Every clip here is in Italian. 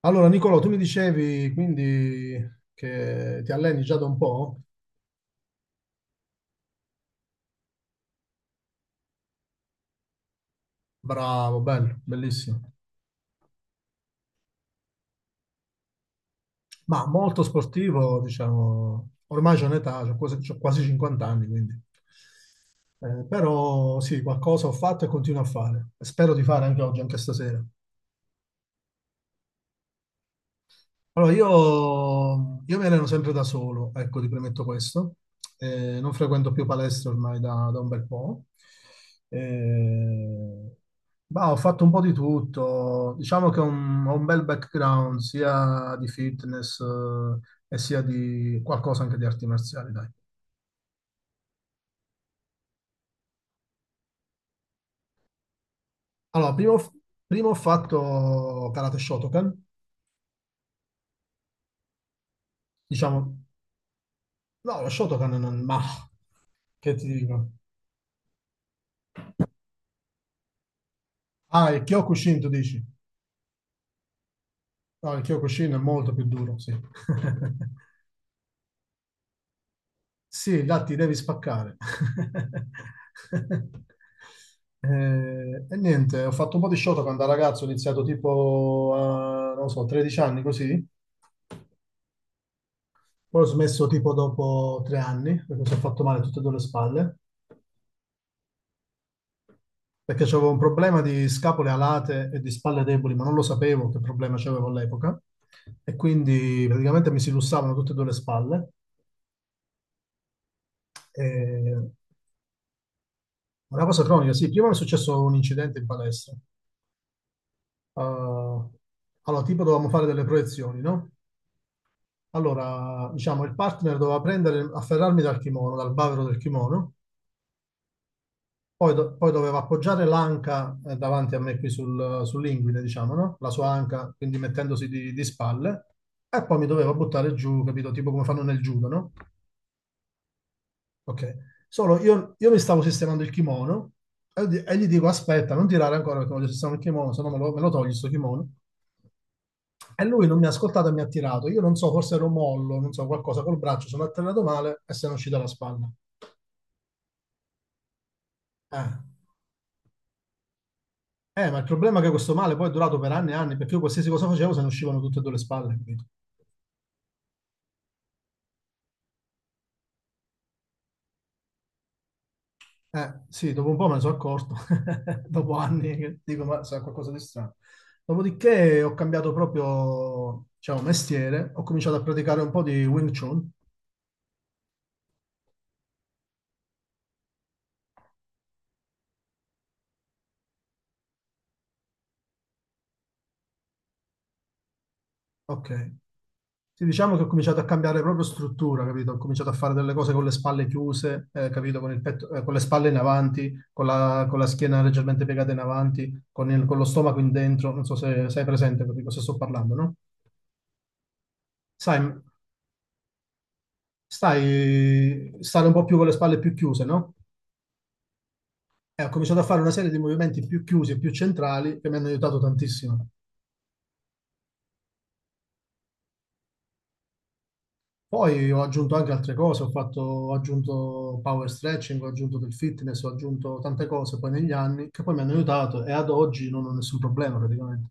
Allora, Nicolò, tu mi dicevi quindi che ti alleni già da un po'? Bravo, bello, bellissimo. Ma molto sportivo, diciamo, ormai c'ho un'età, c'ho quasi 50 anni, quindi. Però sì, qualcosa ho fatto e continuo a fare. Spero di fare anche oggi, anche stasera. Allora, io mi alleno sempre da solo, ecco, ti premetto questo. Non frequento più palestre ormai da un bel po'. Eh, ma ho fatto un po' di tutto. Diciamo che ho un bel background sia di fitness, e sia di qualcosa anche di arti marziali, dai. Allora, prima ho fatto karate Shotokan. Diciamo, no, lo Shotokan non. Ma, che ti dico? Ah, il Kyokushin, tu dici? No, il Kyokushin è molto più duro, sì. Sì, là ti devi spaccare. E niente, ho fatto un po' di Shotokan da ragazzo, ho iniziato tipo, a, non lo so, 13 anni così, poi ho smesso tipo dopo 3 anni, perché mi sono fatto male tutte e due le spalle, perché avevo un problema di scapole alate e di spalle deboli, ma non lo sapevo che problema c'avevo all'epoca, e quindi praticamente mi si lussavano tutte e due le spalle, e. Una cosa cronica, sì. Prima mi è successo un incidente in palestra. Uh, allora, tipo dovevamo fare delle proiezioni, no? Allora, diciamo, il partner doveva prendere, afferrarmi dal kimono, dal bavero del kimono, poi, poi doveva appoggiare l'anca, davanti a me qui sull'inguine, diciamo, no? La sua anca, quindi mettendosi di spalle, e poi mi doveva buttare giù, capito? Tipo come fanno nel judo, no? Ok. Solo io mi stavo sistemando il kimono e gli dico, aspetta, non tirare ancora perché voglio sistemare il kimono, se no me lo togli sto kimono. E lui non mi ha ascoltato e mi ha tirato. Io non so, forse ero mollo, non so, qualcosa col braccio, sono atterrato male e se ne è uscita la spalla. Eh. Ma il problema è che questo male poi è durato per anni e anni, perché io qualsiasi cosa facevo se ne uscivano tutte e due le spalle, capito? Sì, dopo un po' me ne sono accorto, dopo anni che dico, ma sarà qualcosa di strano. Dopodiché ho cambiato proprio, diciamo, mestiere, ho cominciato a praticare un po' di Wing Chun. Ok. Sì, diciamo che ho cominciato a cambiare proprio struttura, capito? Ho cominciato a fare delle cose con le spalle chiuse, capito? Con le spalle in avanti, con la schiena leggermente piegata in avanti, con lo stomaco in dentro. Non so se sei presente di cosa sto parlando, no? Sai, stare un po' più con le spalle più chiuse, no? E ho cominciato a fare una serie di movimenti più chiusi e più centrali che mi hanno aiutato tantissimo. Poi ho aggiunto anche altre cose, ho aggiunto power stretching, ho aggiunto del fitness, ho aggiunto tante cose poi negli anni che poi mi hanno aiutato e ad oggi non ho nessun problema praticamente.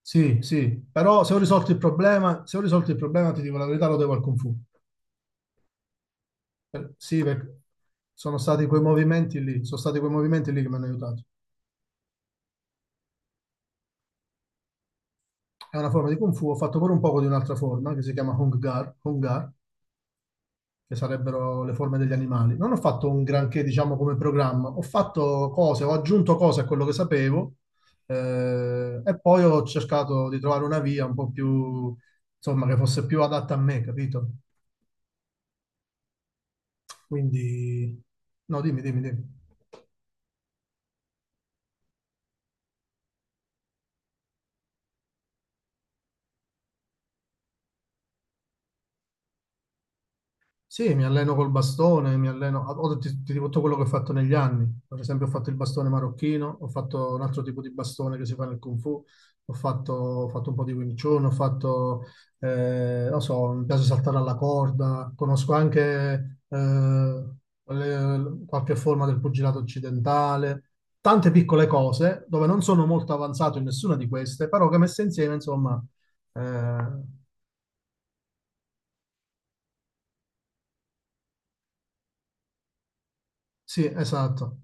Sì, sì, però se ho risolto il problema, se ho risolto il problema ti dico la verità, lo devo al Kung Fu. Sì, perché sono stati quei movimenti lì, sono stati quei movimenti lì che mi hanno aiutato. È una forma di Kung Fu, ho fatto pure un poco di un'altra forma che si chiama Hung Gar, che sarebbero le forme degli animali. Non ho fatto un granché, diciamo, come programma, ho fatto cose, ho aggiunto cose a quello che sapevo, e poi ho cercato di trovare una via un po' più, insomma, che fosse più adatta a me, capito? Quindi, no, dimmi, dimmi, dimmi. Sì, mi alleno col bastone, mi alleno, ho, ti dico tutto quello che ho fatto negli anni. Per esempio, ho fatto il bastone marocchino, ho fatto un altro tipo di bastone che si fa nel Kung Fu, ho fatto un po' di Wing Chun, non so, mi piace saltare alla corda, conosco anche qualche forma del pugilato occidentale, tante piccole cose dove non sono molto avanzato in nessuna di queste, però che messe insieme, insomma, eh, sì, esatto.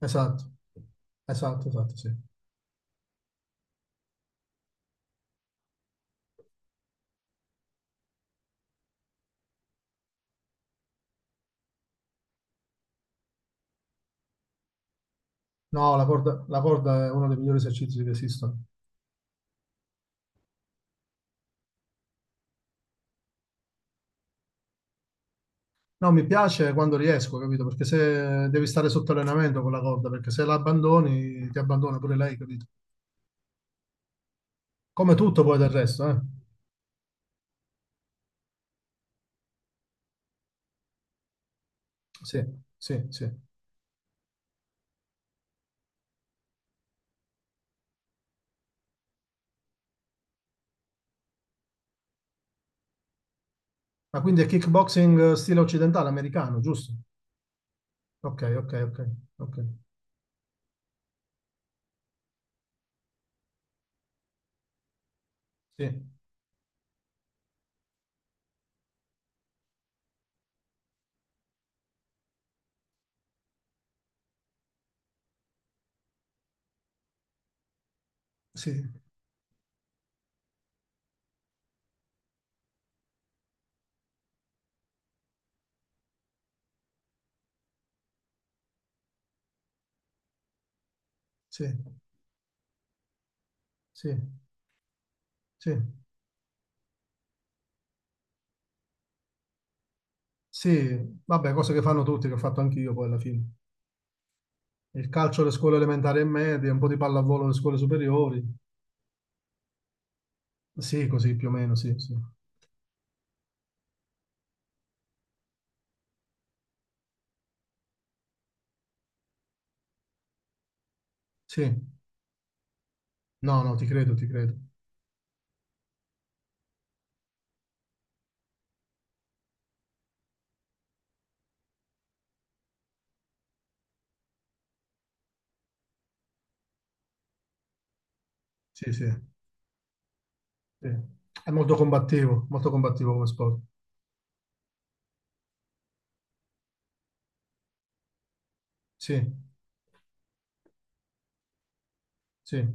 Esatto, esatto, esatto, sì. No, la corda è uno dei migliori esercizi che esistono. No, mi piace quando riesco, capito? Perché se devi stare sotto allenamento con la corda, perché se la abbandoni, ti abbandona pure lei, capito? Come tutto poi del resto, eh? Sì, sì, sì. Ma quindi è kickboxing stile occidentale, americano, giusto? Ok, ok, ok, ok. Sì, sì, sì, sì, sì. Sì, vabbè, cose che fanno tutti, che ho fatto anch'io poi alla fine. Il calcio alle scuole elementari e medie, un po' di pallavolo alle scuole superiori. Sì, così più o meno, sì, sì. Sì. No, no, ti credo, ti credo. Sì, sì, sì. È molto combattivo come sport. Sì, sì.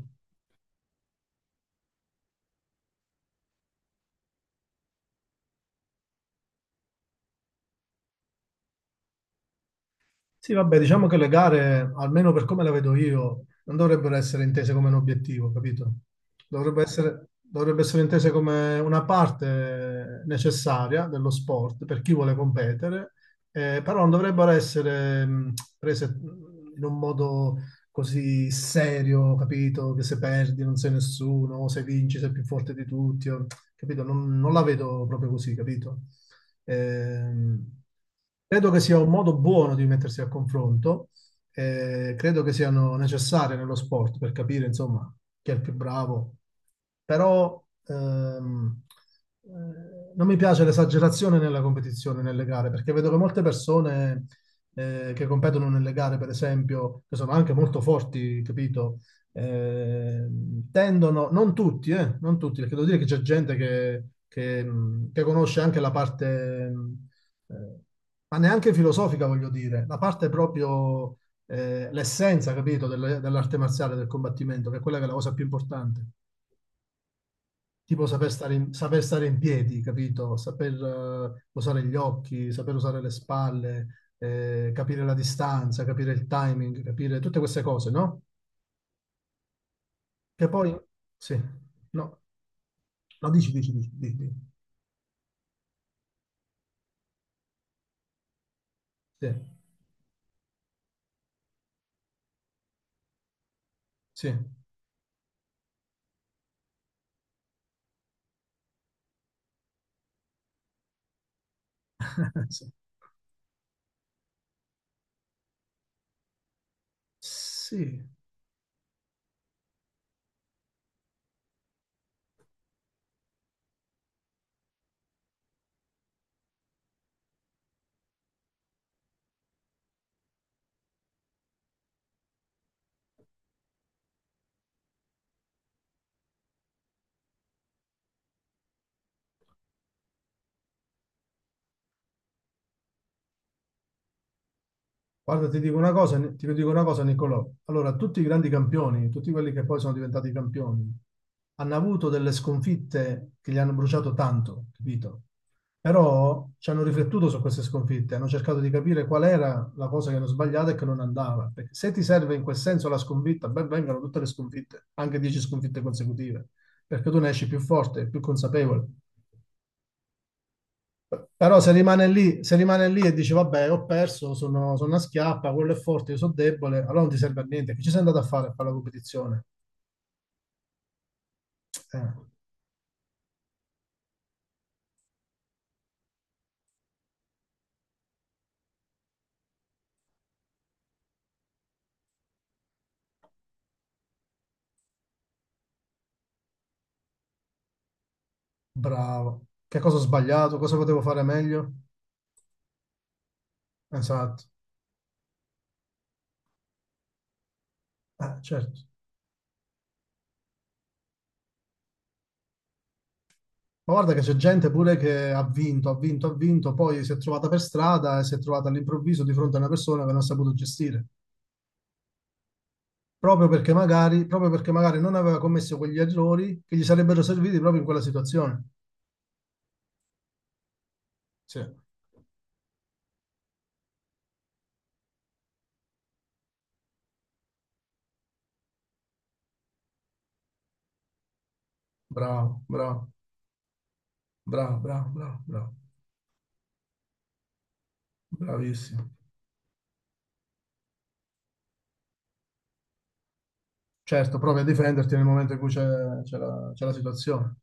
Sì, vabbè, diciamo che le gare, almeno per come la vedo io, non dovrebbero essere intese come un obiettivo, capito? Dovrebbe essere intese come una parte necessaria dello sport per chi vuole competere, però non dovrebbero essere prese in un modo così serio, capito? Che se perdi non sei nessuno, o se vinci sei più forte di tutti, capito? Non la vedo proprio così, capito? Ehm, credo che sia un modo buono di mettersi al confronto. Credo che siano necessarie nello sport per capire, insomma, chi è il più bravo, però non mi piace l'esagerazione nella competizione, nelle gare, perché vedo che molte persone che competono nelle gare, per esempio, che sono anche molto forti, capito? Tendono non tutti, non tutti, perché devo dire che c'è gente che conosce anche la parte, eh, ma neanche filosofica, voglio dire, la parte proprio, l'essenza, capito, dell'arte marziale, del combattimento, che è quella che è la cosa più importante. Tipo saper stare in piedi, capito? Saper usare gli occhi, saper usare le spalle, capire la distanza, capire il timing, capire tutte queste cose, no? Che poi, sì, no. No, dici, dici, dici, dici, dici. Sì, sì, sì. Sì. Guarda, ti dico una cosa, ti dico una cosa, Nicolò. Allora, tutti i grandi campioni, tutti quelli che poi sono diventati campioni, hanno avuto delle sconfitte che gli hanno bruciato tanto, capito? Però ci hanno riflettuto su queste sconfitte, hanno cercato di capire qual era la cosa che hanno sbagliato e che non andava. Perché se ti serve in quel senso la sconfitta, ben vengano tutte le sconfitte, anche 10 sconfitte consecutive, perché tu ne esci più forte, più consapevole. Però se rimane lì, se rimane lì e dici vabbè, ho perso, sono una schiappa, quello è forte, io sono debole, allora non ti serve a niente. Che ci sei andato a fare la competizione? Eh, bravo. Che cosa ho sbagliato? Cosa potevo fare meglio? Esatto. Certo. Ma guarda che c'è gente pure che ha vinto, ha vinto, ha vinto, poi si è trovata per strada e si è trovata all'improvviso di fronte a una persona che non ha saputo gestire. Proprio perché magari non aveva commesso quegli errori che gli sarebbero serviti proprio in quella situazione. Sì, bravo, bravo. Bravo, bravo, bravo, bravo, bravissimo. Certo, provi a difenderti nel momento in cui c'è la situazione.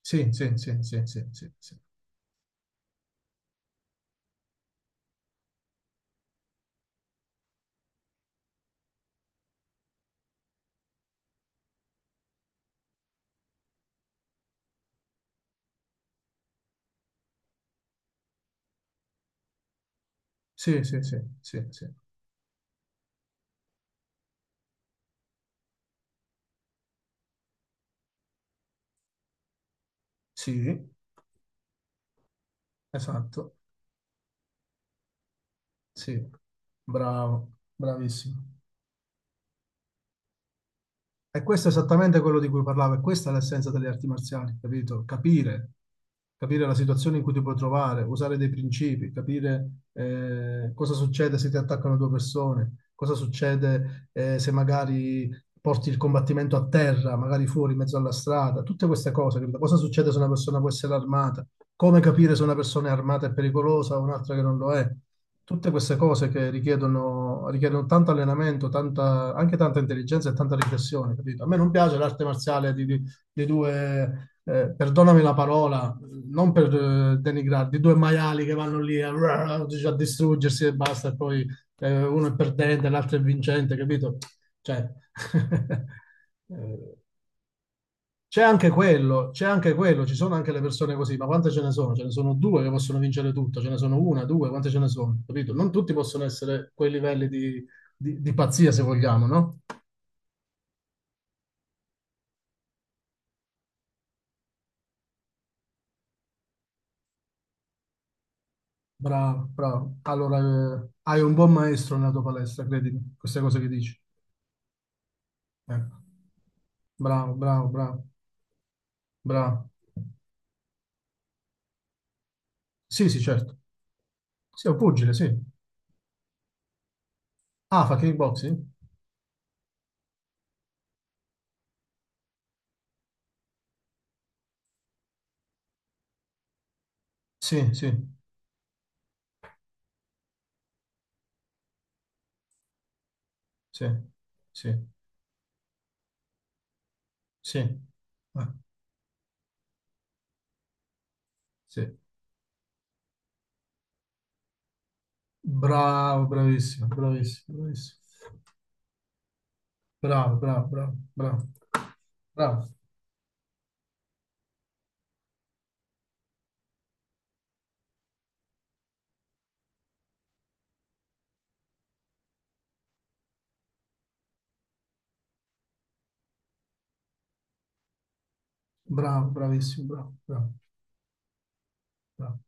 Sì, sì, sì, sì, sì, sì, sì, sì, sì, sì, sì, sì, sì, esatto, sì, bravo, bravissimo. E questo è esattamente quello di cui parlavo, e questa è l'essenza delle arti marziali, capito? Capire, capire la situazione in cui ti puoi trovare, usare dei principi, capire cosa succede se ti attaccano due persone, cosa succede se magari porti il combattimento a terra, magari fuori, in mezzo alla strada, tutte queste cose, capito? Cosa succede se una persona può essere armata, come capire se una persona è armata e pericolosa o un'altra che non lo è, tutte queste cose che richiedono, richiedono tanto allenamento, tanta, anche tanta intelligenza e tanta riflessione, capito? A me non piace l'arte marziale di due, perdonami la parola, non per denigrare, di due maiali che vanno lì a distruggersi e basta, e poi uno è perdente, l'altro è vincente, capito? Cioè, eh, c'è anche quello, ci sono anche le persone così, ma quante ce ne sono? Ce ne sono due che possono vincere tutto, ce ne sono una, due, quante ce ne sono? Capito? Non tutti possono essere quei livelli di pazzia, se vogliamo, no? Bravo, bravo. Allora, hai un buon maestro nella tua palestra, credimi, queste cose che dici. Ecco. Bravo, bravo, bravo, bravo. Sì, sì, certo. Sì, è un pugile, sì. Ah, fa kickboxing? Sì, sì, sì, sì, sì. Eh, sì. Bravo, bravissimo, bravissimo, bravissimo. Bravo, bravo, bravo, bravo, bravo, bravo, bravissimo, bravo, bravo, bravo.